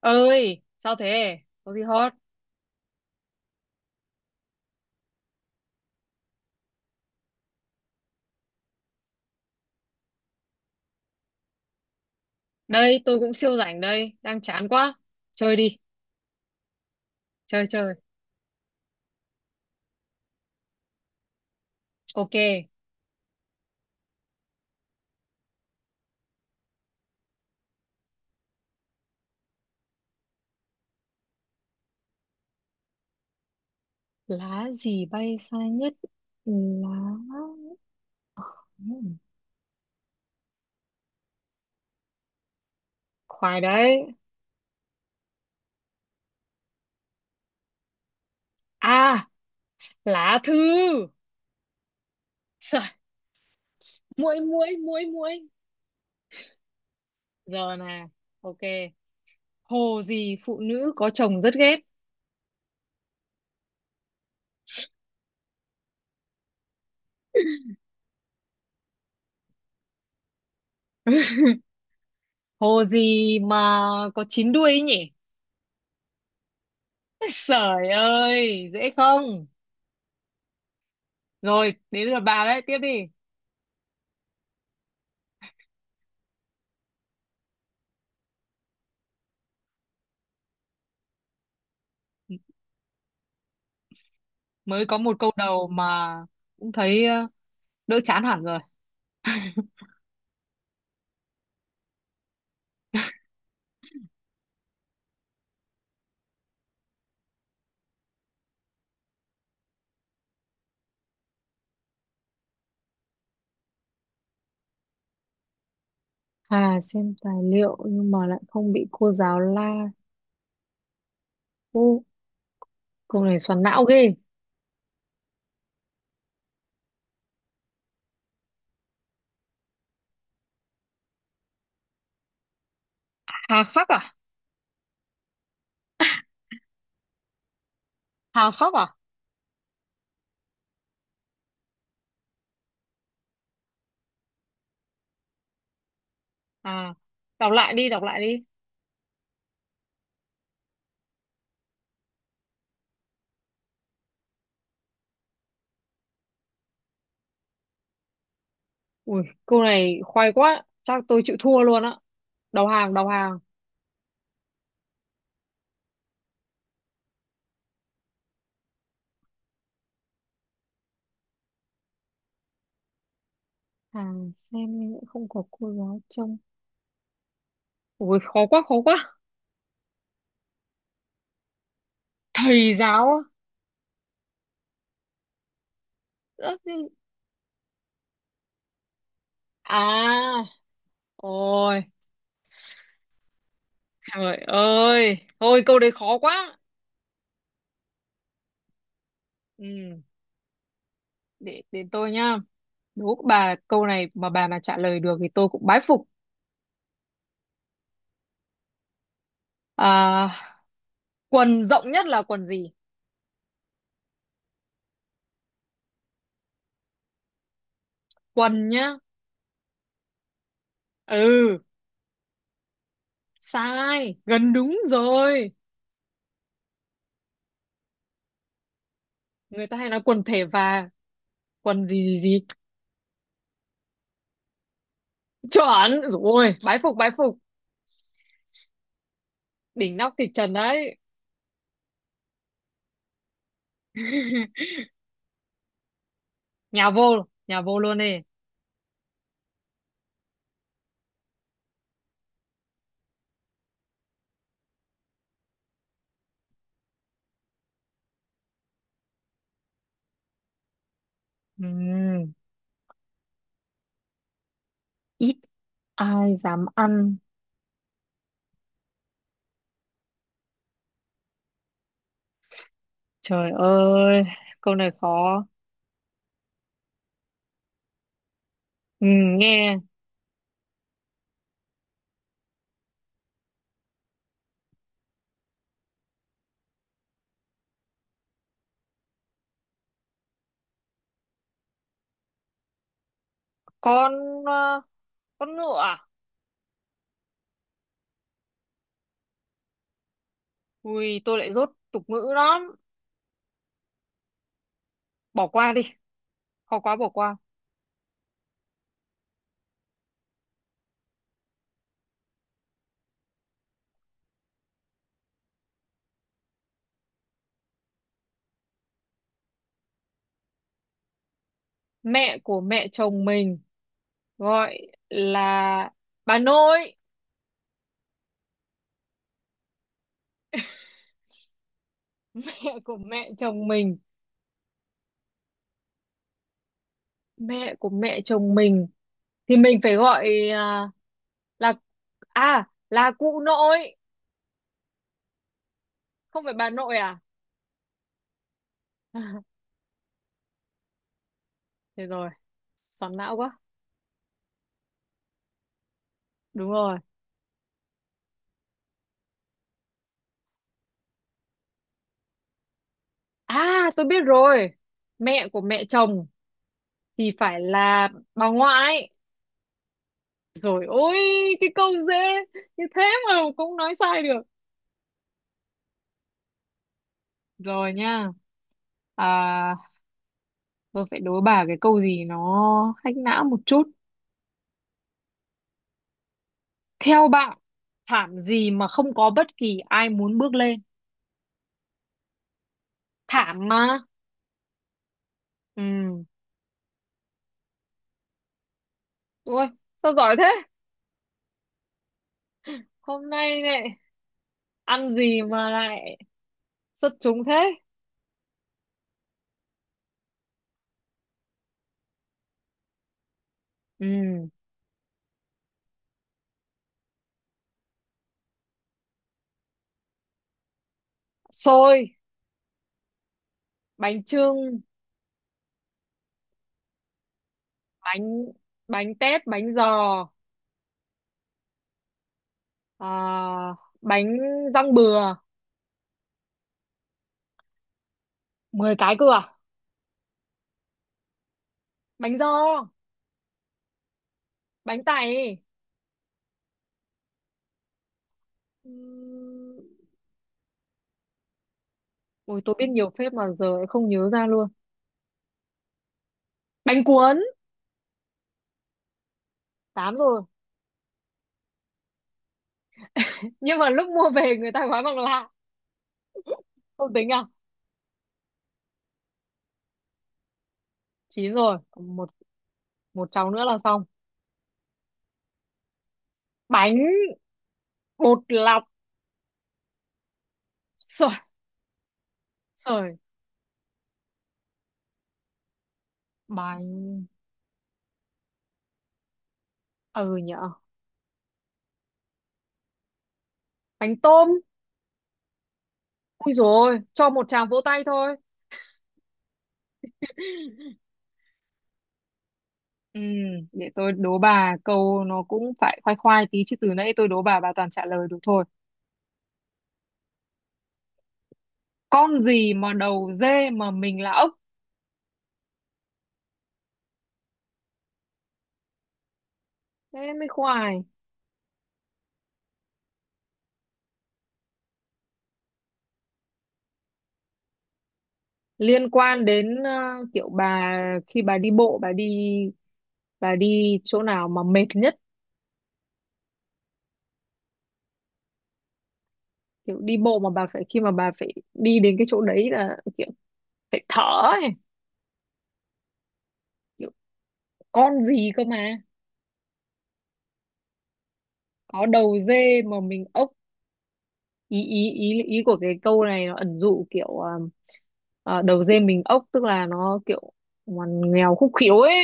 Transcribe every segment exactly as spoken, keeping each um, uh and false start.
Ơi sao thế? Có gì hot? Đây tôi cũng siêu rảnh đây, đang chán quá. Chơi đi. Chơi chơi. Ok. Lá gì bay xa nhất? Lá. Ừm, Khoai đấy. À, lá thư. Trời. Muỗi muỗi muỗi muỗi Giờ nè. Ok. Hồ gì phụ nữ có chồng rất ghét? Hồ gì mà có chín đuôi ấy nhỉ? Trời ơi, dễ không. Rồi đến lượt bà đấy, tiếp đi. Mới có một câu đầu mà cũng thấy ờ, đỡ chán hẳn rồi. Hà xem tài liệu nhưng mà lại không bị cô giáo la. Ô, câu này xoắn não ghê. Hà khắc à? Hà khắc à? À, đọc lại đi, đọc lại đi. Ui, câu này khoai quá. Chắc tôi chịu thua luôn á. Đầu hàng, đầu hàng. Hà xem nhưng lại không có cô giáo trông. Ui, khó quá, khó quá. Thầy giáo á. Ơ, nhưng- à, ôi, trời ơi thôi câu đấy khó quá. Ừ, để đến tôi nhá. Đố bà câu này mà bà mà trả lời được thì tôi cũng bái phục. À, quần rộng nhất là quần gì? Quần nhá. Ừ. Sai, gần đúng rồi. Người ta hay nói quần thể và quần gì gì gì. Chuẩn rồi, bái phục bái phục. Đỉnh nóc kịch trần đấy. Nhà vô, nhà vô luôn đi. Ừm, Ít ai dám ăn. Trời ơi, câu này khó. Ừm, nghe. Con ờ, con ngựa à? Ui, tôi lại dốt tục ngữ lắm. Bỏ qua đi, khó quá bỏ qua. Mẹ của mẹ chồng mình gọi là bà nội. Mẹ của mẹ chồng mình, mẹ của mẹ chồng mình thì mình phải gọi à, là à, là cụ nội, không phải bà nội à? Thế rồi, xoắn não quá. Đúng rồi. À, tôi biết rồi. Mẹ của mẹ chồng thì phải là bà ngoại. Rồi ôi, cái câu dễ như thế mà cũng nói sai được. Rồi nha. À, tôi phải đố bà cái câu gì nó hack não một chút. Theo bạn, thảm gì mà không có bất kỳ ai muốn bước lên? Thảm mà. Ừ. Ôi, sao giỏi thế? Hôm nay này ăn gì mà lại xuất chúng thế? Ừ. Xôi, bánh chưng, bánh bánh tét, bánh giò, à, bánh răng bừa, mười cái cơ à? Bánh giò, bánh tày. Ừm, Ôi tôi biết nhiều phép mà giờ lại không nhớ ra luôn. Bánh cuốn. Tám rồi. Nhưng mà lúc mua về người ta gói bằng lạ, không tính à? Chín rồi, còn một, một cháu nữa là xong. Bánh bột lọc. Sời, sời. Bánh, ừ nhở. Bánh tôm. Ui rồi, cho một tràng vỗ tay thôi. Ừ, để tôi đố bà câu nó cũng phải khoai khoai tí chứ từ nãy tôi đố bà bà toàn trả lời được thôi. Con gì mà đầu dê mà mình là ốc? Thế mới khoai. Liên quan đến ờ, kiểu bà khi bà đi bộ bà đi, bà đi chỗ nào mà mệt nhất, kiểu đi bộ mà bà phải, khi mà bà phải đi đến cái chỗ đấy là kiểu phải thở ấy. Kiểu con gì cơ mà có đầu dê mà mình ốc. Ý ý ý ý của cái câu này nó ẩn dụ kiểu ờ, ờ, đầu dê mình ốc tức là nó kiểu ngoằn nghèo khúc khiếu ấy.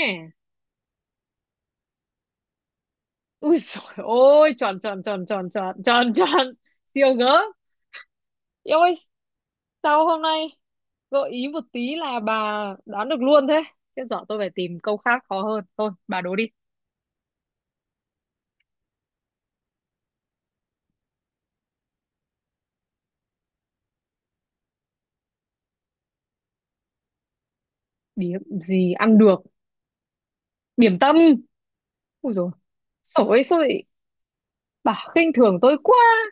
Ui dồi ôi, tròn tròn tròn tròn tròn tròn tròn Siêu gớm, yêu ơi. Sao hôm nay gợi ý một tí là bà đoán được luôn thế? Chết dở, tôi phải tìm câu khác khó hơn. Thôi, bà đố đi. Điểm gì ăn được? Điểm tâm. Ui dồi, sổi sổi. Bà khinh thường tôi quá.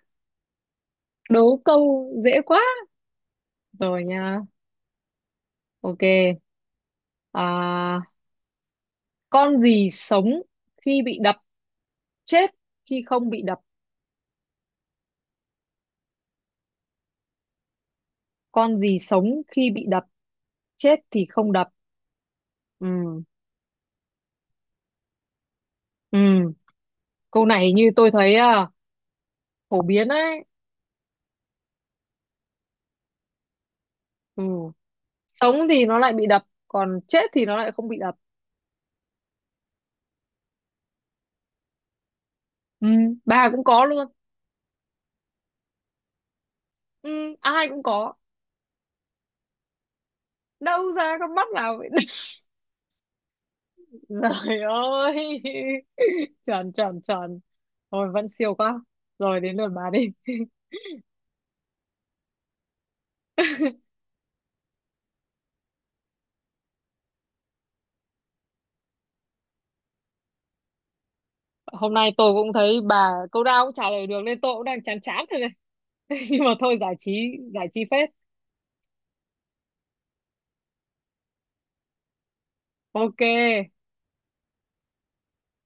Đố câu dễ quá. Rồi nha. Ok. À, con gì sống khi bị đập? Chết khi không bị đập. Con gì sống khi bị đập? Chết thì không đập. Ừ. Ừ. Câu này như tôi thấy à, phổ biến đấy. Ừ. Sống thì nó lại bị đập còn chết thì nó lại không bị đập. Ừ, bà cũng có luôn. Ừ, ai cũng có. Đâu ra con mắt nào vậy? Trời ơi. tròn tròn tròn Rồi vẫn siêu quá. Rồi đến lượt bà đi. Hôm nay tôi cũng thấy bà câu nào cũng trả lời được nên tôi cũng đang chán chán rồi này. Nhưng mà thôi, giải trí. Giải trí phết. Ok.